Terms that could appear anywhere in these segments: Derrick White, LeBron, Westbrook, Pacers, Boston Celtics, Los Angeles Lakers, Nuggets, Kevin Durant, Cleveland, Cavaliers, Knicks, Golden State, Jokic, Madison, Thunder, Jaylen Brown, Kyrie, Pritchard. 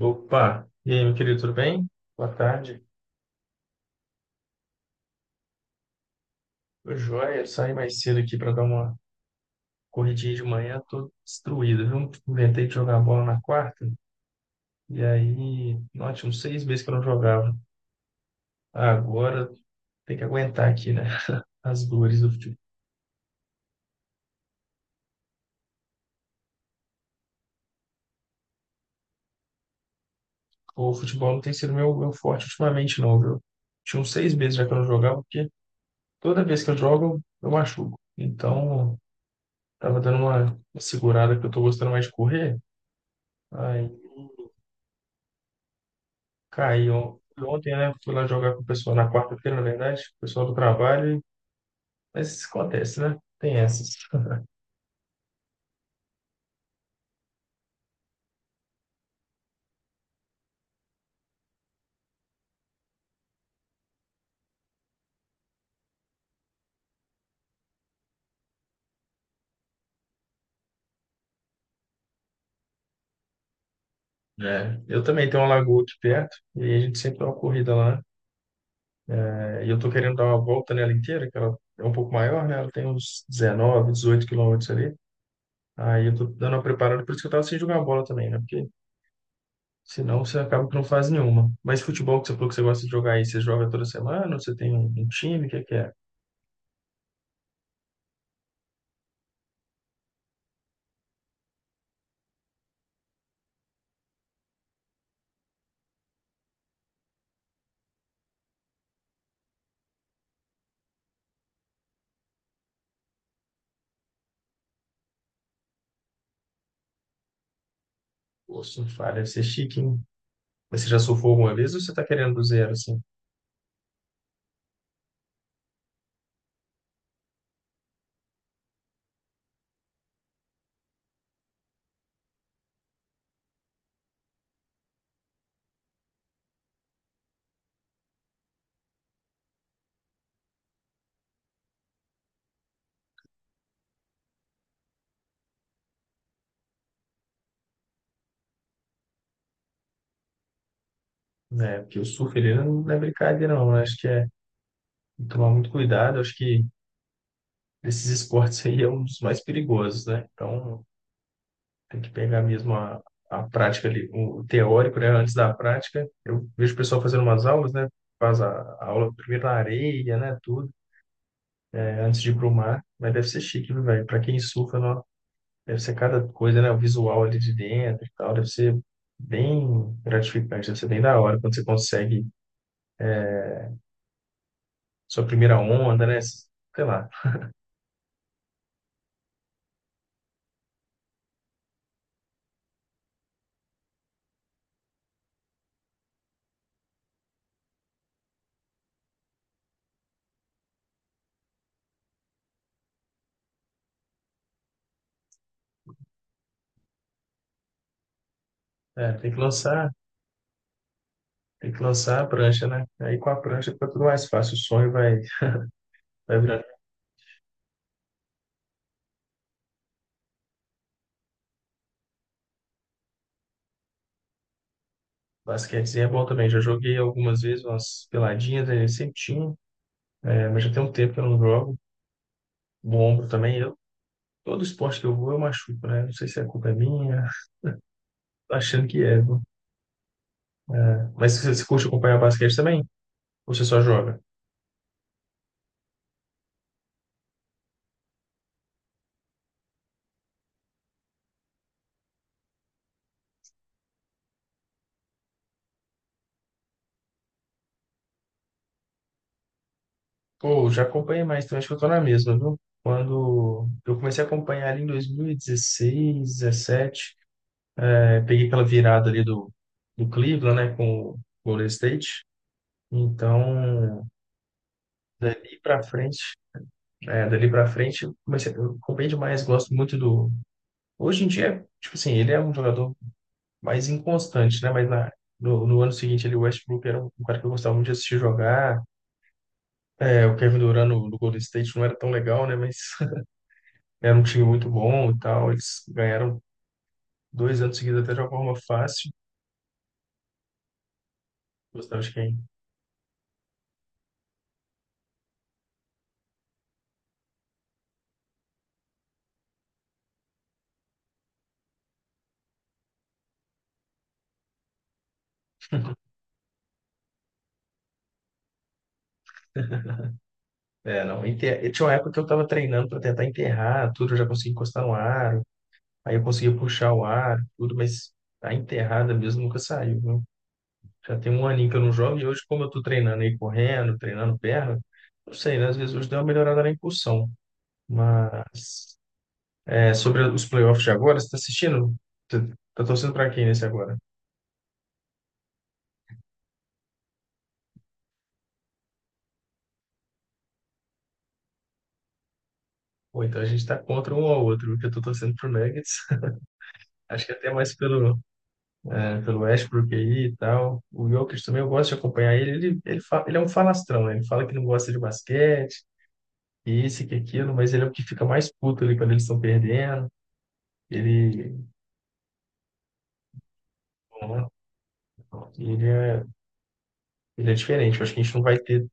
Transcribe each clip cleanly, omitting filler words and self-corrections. Opa! E aí, meu querido, tudo bem? Boa tarde. Ô, Joia, eu saí mais cedo aqui para dar uma corridinha de manhã, tô destruído, viu? Inventei de jogar bola na quarta, e aí, nossa, tinha uns seis meses que eu não jogava. Agora tem que aguentar aqui, né? As dores do futebol. O futebol não tem sido meu forte ultimamente, não, viu? Tinha uns seis meses já que eu não jogava, porque toda vez que eu jogo, eu machuco. Então, tava uma segurada que eu tô gostando mais de correr. Aí. Caiu ontem, né? Fui lá jogar com o pessoal na quarta-feira, na verdade, o pessoal do trabalho, mas isso acontece, né? Tem essas. É, eu também tenho uma lagoa aqui perto, e a gente sempre dá uma corrida lá, né? É, e eu tô querendo dar uma volta nela inteira, que ela é um pouco maior, né? Ela tem uns 19, 18 quilômetros ali. Aí eu tô dando uma preparada, por isso que eu tava sem jogar bola também, né? Porque senão você acaba que não faz nenhuma. Mas futebol que você falou que você gosta de jogar aí, você joga toda semana? Ou você tem um time? O que é que é? Pô, se não falha, deve ser chique, hein? Mas você já surfou alguma vez ou você está querendo do zero, assim? Né? Porque o surf, ele não é brincadeira, não, né? Acho que é tem que tomar muito cuidado. Acho que esses esportes aí é um dos mais perigosos, né? Então, tem que pegar mesmo a prática ali, o teórico, né? Antes da prática. Eu vejo o pessoal fazendo umas aulas, né? Faz a aula primeiro na areia, né? Tudo, né? Antes de ir pro mar. Mas deve ser chique, viu, velho? Para quem surfa, não, deve ser cada coisa, né? O visual ali de dentro e tal. Deve ser bem gratificante, deve ser bem da hora quando você consegue sua primeira onda, né? Sei lá. É, tem que lançar a prancha, né? Aí com a prancha fica tudo mais fácil. O sonho vai virar. Basquetezinho é bom também. Já joguei algumas vezes umas peladinhas, aí sempre tinha, é, mas já tem um tempo que eu não jogo. Bom ombro também. Eu, todo esporte que eu vou, eu machuco, né? Não sei se a culpa é minha, tô achando que é, viu? Mas você curte acompanhar basquete também? Ou você só joga? Pô, já acompanhei mais também, acho que eu tô na mesma, viu? Quando eu comecei a acompanhar ali em 2016, 17, eu peguei aquela virada ali do Cleveland, né, com o Golden State. Então, dali pra frente, dali para frente, eu comecei, eu acompanhei demais, gosto muito do. Hoje em dia, tipo assim, ele é um jogador mais inconstante, né? Mas na, no, no ano seguinte, ele, o Westbrook era um cara que eu gostava muito de assistir jogar. É, o Kevin Durant no Golden State não era tão legal, né? Mas era um time muito bom e tal. Eles ganharam dois anos seguidos até de uma forma fácil. Gostava de quem? É, não, tinha uma época que eu estava treinando para tentar enterrar tudo, eu já consegui encostar no aro, aí eu consegui puxar o aro, tudo, mas a enterrada mesmo nunca saiu, viu? Já tem um aninho que eu não jogo e hoje, como eu tô treinando aí correndo, treinando perna, não sei, né? Às vezes hoje deu uma melhorada na impulsão, mas é, sobre os playoffs de agora, você está assistindo? Tá tá torcendo para quem nesse agora? Ou então a gente tá contra um ao outro, porque eu tô torcendo pro Nuggets, acho que até mais pelo, né, pelo Westbrook aí e tal. O Jokic também eu gosto de acompanhar ele. Ele é um falastrão, né? Ele fala que não gosta de basquete, que isso e que aquilo, mas ele é o que fica mais puto ali quando eles estão perdendo. Ele, é, ele é, ele é diferente. Eu acho que a gente não vai ter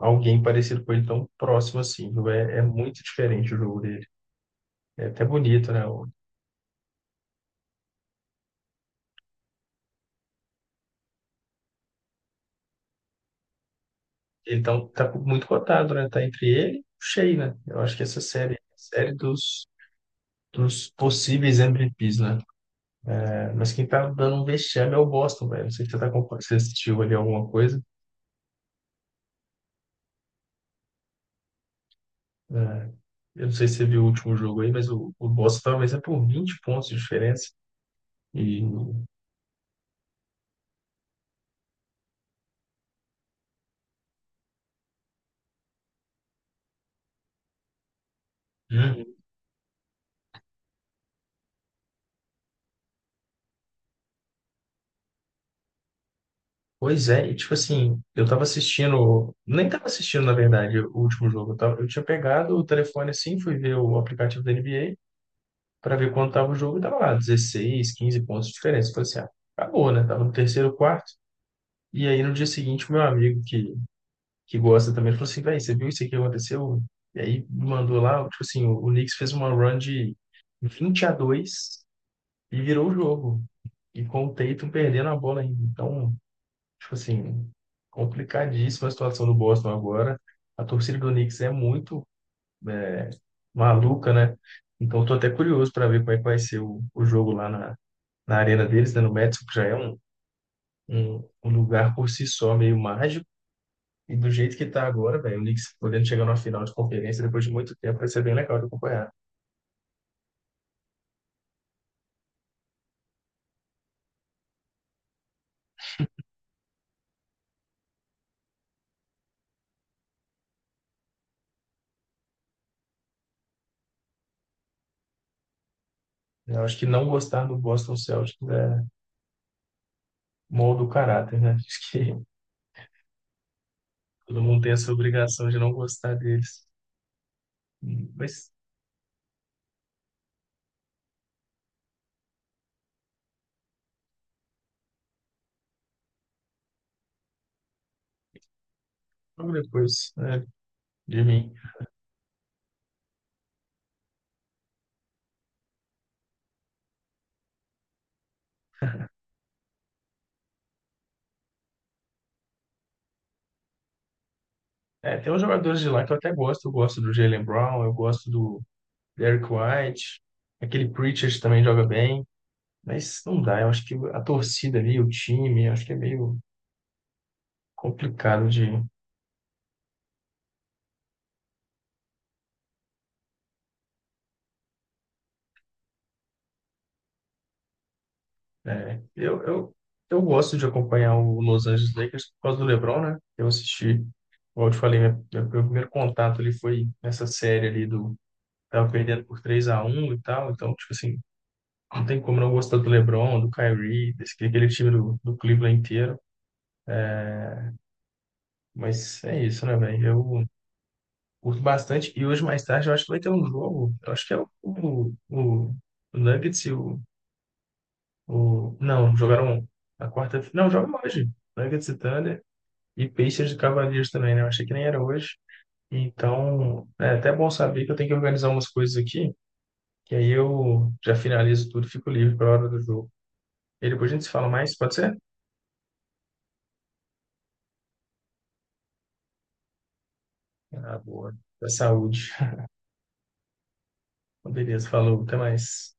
alguém parecido com ele tão próximo assim, viu? É, é muito diferente o jogo dele. É até bonito, né? O- Ele tá, um, tá muito cotado, né? Tá entre ele e o Shea, né? Eu acho que essa série dos, dos possíveis MVPs, né? Mas quem tá dando um vexame é o Boston, velho. Não sei se você, tá, se você assistiu ali alguma coisa. É, eu não sei se você viu o último jogo aí, mas o Boston talvez é por 20 pontos de diferença. E, uhum. Pois é, e tipo assim, eu tava assistindo, nem tava assistindo, na verdade, o último jogo. Eu tinha pegado o telefone assim, fui ver o aplicativo da NBA para ver quanto tava o jogo e tava lá, 16, 15 pontos de diferença. Eu falei assim, ah, acabou, né? Tava no terceiro quarto. E aí no dia seguinte, meu amigo que gosta também, ele falou assim, velho, você viu isso aqui que aconteceu? E aí mandou lá, tipo assim, o Knicks fez uma run de 20 a 2 e virou o jogo. E com o Tatum perdendo a bola ainda. Então, tipo assim, complicadíssima a situação do Boston agora. A torcida do Knicks é muito, é, maluca, né? Então, tô até curioso para ver como é que vai ser o jogo lá na arena deles, né, no Madison, que já é um lugar por si só meio mágico. E do jeito que tá agora, velho, o Knicks podendo chegar numa final de conferência depois de muito tempo, vai ser bem legal de acompanhar. Eu acho que não gostar do Boston Celtics é molda o caráter, né? Acho que todo mundo tem essa obrigação de não gostar deles. Mas logo depois, né, de mim. É, tem uns jogadores de lá que eu até gosto. Eu gosto do Jaylen Brown, eu gosto do Derrick White. Aquele Pritchard também joga bem. Mas não dá, eu acho que a torcida ali, o time, eu acho que é meio complicado de. É, eu, eu, eu gosto de acompanhar o Los Angeles Lakers por causa do LeBron, né? Eu assisti, como eu te falei, meu primeiro contato ali foi nessa série ali do... Tava perdendo por 3-1 e tal, então, tipo assim, não tem como não gostar do LeBron, do Kyrie, desse, aquele time do Cleveland inteiro. Mas é isso, né, velho? Eu curto bastante. E hoje, mais tarde, eu acho que vai ter um jogo. Eu acho que é o Nuggets e o... Não, jogaram na quarta... Não, jogam hoje. Nuggets e Thunder. E Pacers e Cavaliers também, né? Eu achei que nem era hoje. Então, é até bom saber que eu tenho que organizar umas coisas aqui, que aí eu já finalizo tudo, e fico livre para hora do jogo. E depois a gente se fala mais, pode ser? Ah, boa. Da saúde. Beleza, falou, até mais.